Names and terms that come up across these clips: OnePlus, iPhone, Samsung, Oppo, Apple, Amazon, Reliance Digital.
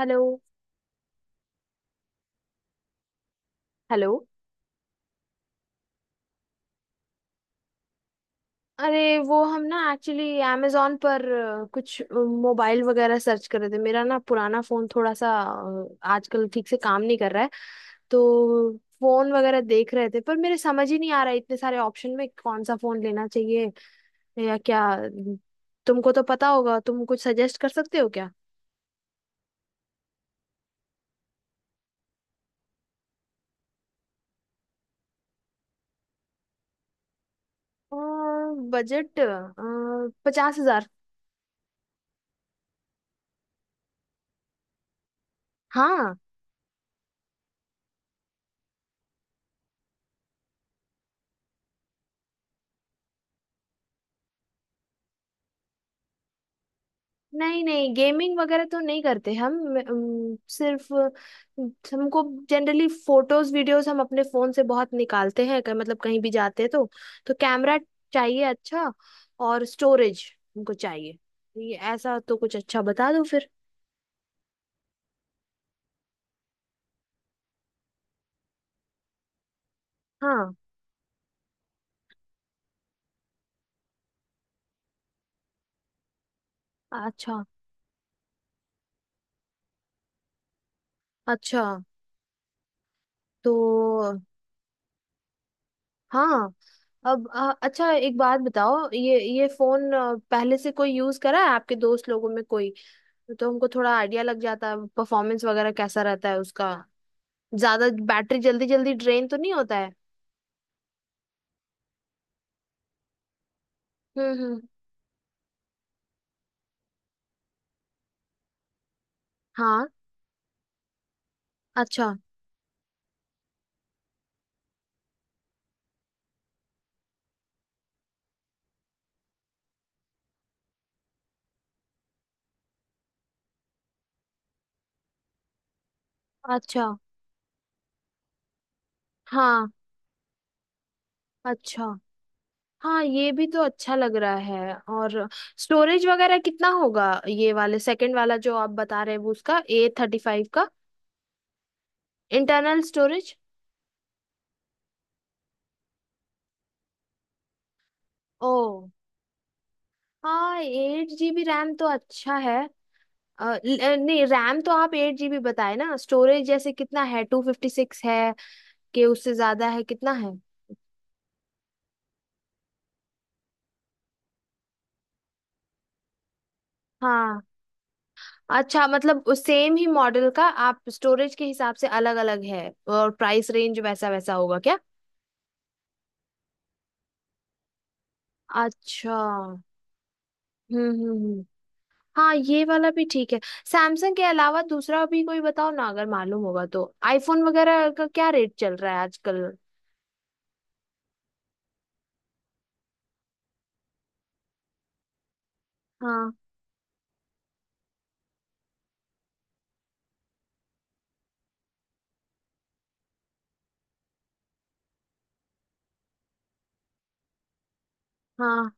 Hello hello. अरे वो हम ना एक्चुअली amazon पर कुछ मोबाइल वगैरह सर्च कर रहे थे। मेरा ना पुराना फोन थोड़ा सा आजकल ठीक से काम नहीं कर रहा है। तो फोन वगैरह देख रहे थे पर मेरे समझ ही नहीं आ रहा है इतने सारे ऑप्शन में कौन सा फोन लेना चाहिए या क्या। तुमको तो पता होगा, तुम कुछ सजेस्ट कर सकते हो क्या? बजट 50,000। हाँ। नहीं नहीं गेमिंग वगैरह तो नहीं करते हम। सिर्फ हमको जनरली फोटोज वीडियोस हम अपने फोन से बहुत निकालते हैं, मतलब कहीं भी जाते हैं। तो कैमरा चाहिए अच्छा, और स्टोरेज हमको चाहिए। ये ऐसा तो कुछ अच्छा बता दो फिर। हाँ, अच्छा अच्छा, तो हाँ। अब अच्छा एक बात बताओ, ये फोन पहले से कोई यूज करा है आपके दोस्त लोगों में कोई? तो हमको थोड़ा आइडिया लग जाता है परफॉर्मेंस वगैरह कैसा रहता है उसका, ज्यादा बैटरी जल्दी जल्दी ड्रेन तो नहीं होता है। हम्म। हाँ, अच्छा अच्छा। हाँ, अच्छा। हाँ, ये भी तो अच्छा लग रहा है। और स्टोरेज वगैरह कितना होगा, ये वाले सेकंड वाला जो आप बता रहे हैं वो उसका A35 का इंटरनल स्टोरेज? ओ हाँ, 8 GB रैम तो अच्छा है। नहीं रैम तो आप 8 GB बताए ना, स्टोरेज जैसे कितना है, 256 है कि उससे ज्यादा है, कितना है? हाँ अच्छा, मतलब सेम ही मॉडल का आप स्टोरेज के हिसाब से अलग अलग है और प्राइस रेंज वैसा वैसा होगा क्या? अच्छा हम्म। हम्म हम्म। हाँ, ये वाला भी ठीक है। सैमसंग के अलावा दूसरा भी कोई बताओ ना, अगर मालूम होगा तो आईफोन वगैरह का क्या रेट चल रहा है आजकल? हाँ हाँ।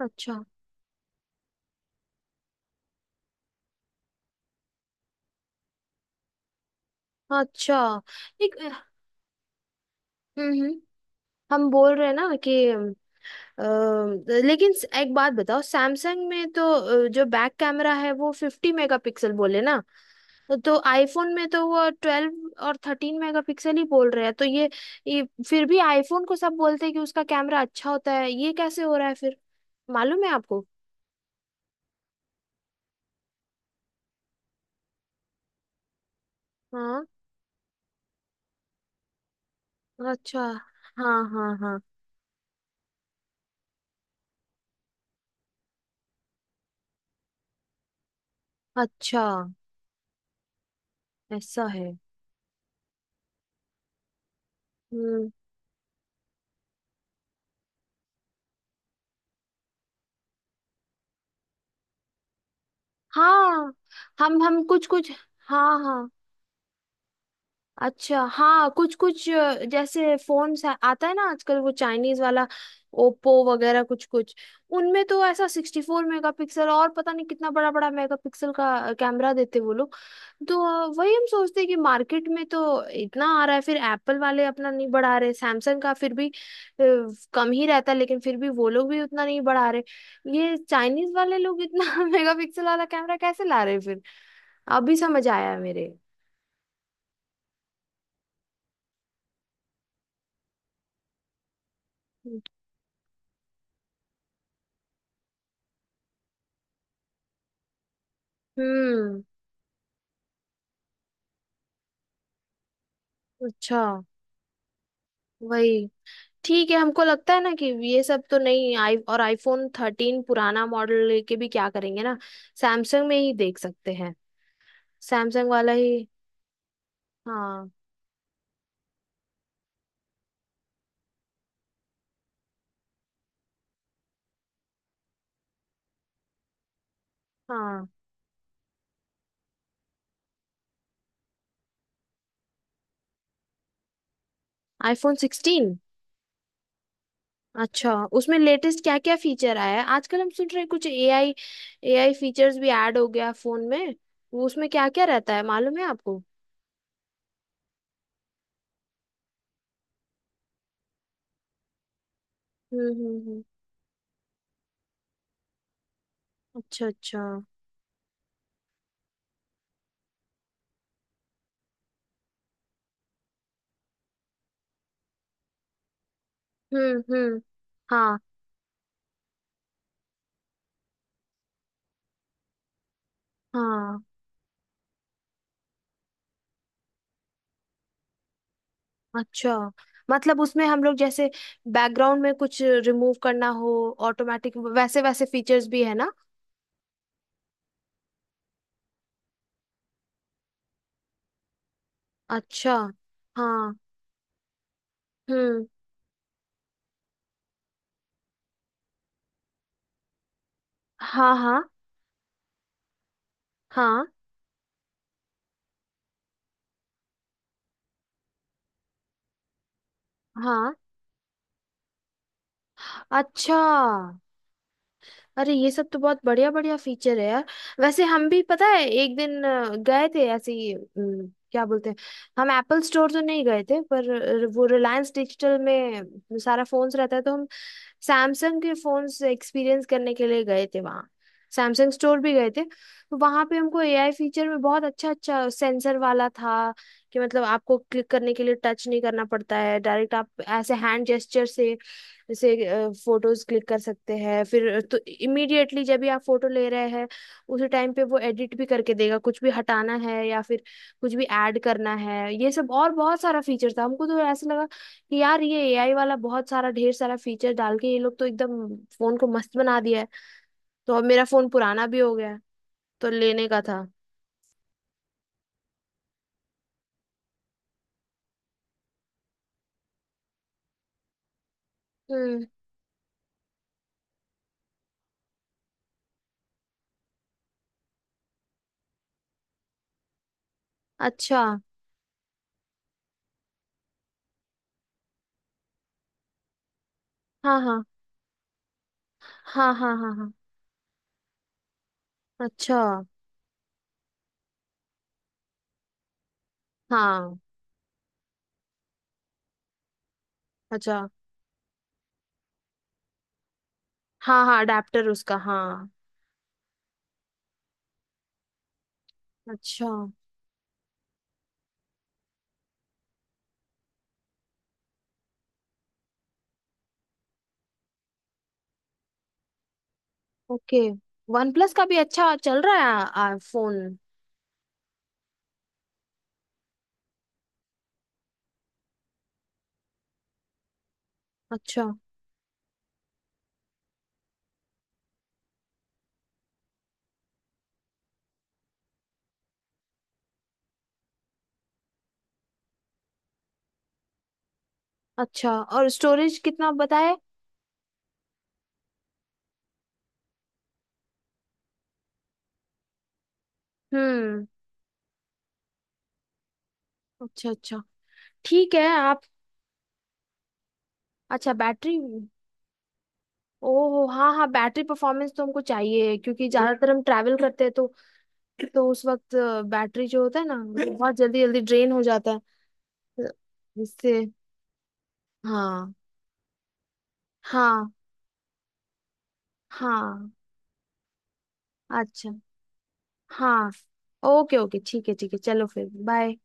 अच्छा अच्छा। एक। हम्म हम्म, हम बोल रहे हैं ना कि अ, लेकिन एक बात बताओ, सैमसंग में तो जो बैक कैमरा है वो 50 मेगापिक्सल बोले ना, तो आईफोन में तो वो 12 और 13 मेगापिक्सल ही बोल रहे हैं। तो ये फिर भी आईफोन को सब बोलते हैं कि उसका कैमरा अच्छा होता है, ये कैसे हो रहा है फिर? मालूम है आपको? हाँ, अच्छा। हाँ हाँ हाँ। अच्छा, ऐसा है। हम्म। हाँ, हम कुछ कुछ। हाँ हाँ। अच्छा हाँ, कुछ कुछ जैसे फोन्स आता है ना आजकल, वो चाइनीज वाला ओप्पो वगैरह कुछ कुछ। उनमें तो ऐसा 64 मेगा पिक्सल और पता नहीं कितना बड़ा बड़ा मेगा पिक्सल का कैमरा देते वो लोग। तो वही हम सोचते हैं कि मार्केट में तो इतना आ रहा है, फिर एप्पल वाले अपना नहीं बढ़ा रहे, सैमसंग का फिर भी कम ही रहता है, लेकिन फिर भी वो लोग भी उतना नहीं बढ़ा रहे, ये चाइनीज वाले लोग इतना मेगा पिक्सल वाला कैमरा कैसे ला रहे हैं फिर? अभी समझ आया है मेरे। हम्म, अच्छा वही। ठीक है, हमको लगता है ना कि ये सब तो नहीं आई, और आईफोन 13 पुराना मॉडल लेके भी क्या करेंगे ना। सैमसंग में ही देख सकते हैं, सैमसंग वाला ही। हाँ हाँ। आईफोन 16? अच्छा, उसमें लेटेस्ट क्या क्या फीचर आया है आजकल, हम सुन रहे हैं कुछ एआई। एआई फीचर्स भी ऐड हो गया फोन में, वो उसमें क्या क्या रहता है मालूम है आपको? हम्म। अच्छा अच्छा। हम्म। हाँ हाँ। अच्छा, मतलब उसमें हम लोग जैसे बैकग्राउंड में कुछ रिमूव करना हो ऑटोमेटिक, वैसे वैसे फीचर्स भी है ना? अच्छा। हाँ। हम्म। हाँ हाँ हाँ हाँ। अच्छा। अरे, ये सब तो बहुत बढ़िया बढ़िया फीचर है यार। वैसे हम भी, पता है, एक दिन गए थे ऐसे ही, क्या बोलते हैं, हम एप्पल स्टोर तो नहीं गए थे पर वो रिलायंस डिजिटल में सारा फोन्स रहता है, तो हम सैमसंग के फोन्स एक्सपीरियंस करने के लिए गए थे वहाँ, सैमसंग स्टोर भी गए थे। तो वहाँ पे हमको एआई फीचर में बहुत अच्छा अच्छा सेंसर वाला था कि मतलब आपको क्लिक करने के लिए टच नहीं करना पड़ता है, डायरेक्ट आप ऐसे हैंड जेस्चर से जैसे फोटोज क्लिक कर सकते हैं। फिर तो इमीडिएटली जब भी आप फोटो ले रहे हैं उसी टाइम पे वो एडिट भी करके देगा, कुछ भी हटाना है या फिर कुछ भी ऐड करना है, ये सब। और बहुत सारा फीचर था, हमको तो ऐसा लगा कि यार ये एआई वाला बहुत सारा ढेर सारा फीचर डाल के ये लोग तो एकदम फोन को मस्त बना दिया है। तो अब मेरा फोन पुराना भी हो गया है, तो लेने का था। हम्म, अच्छा। हाँ हाँ हाँ हाँ हाँ हाँ। अच्छा। हाँ। अच्छा। हाँ हाँ, अडेप्टर उसका, हाँ। अच्छा। ओके। वन प्लस का भी अच्छा चल रहा है आ, आ, फोन? अच्छा, अच्छा और स्टोरेज कितना बताए? हम्म। अच्छा अच्छा। ठीक है आप। अच्छा बैटरी। ओह हाँ हाँ, बैटरी परफॉर्मेंस तो हमको चाहिए, क्योंकि ज्यादातर हम ट्रैवल करते हैं, तो उस वक्त बैटरी जो होता है ना वो बहुत जल्दी जल्दी ड्रेन हो जाता है, जिससे। हाँ। हाँ हाँ। अच्छा हाँ। ओके ओके, ठीक है ठीक है, चलो फिर बाय।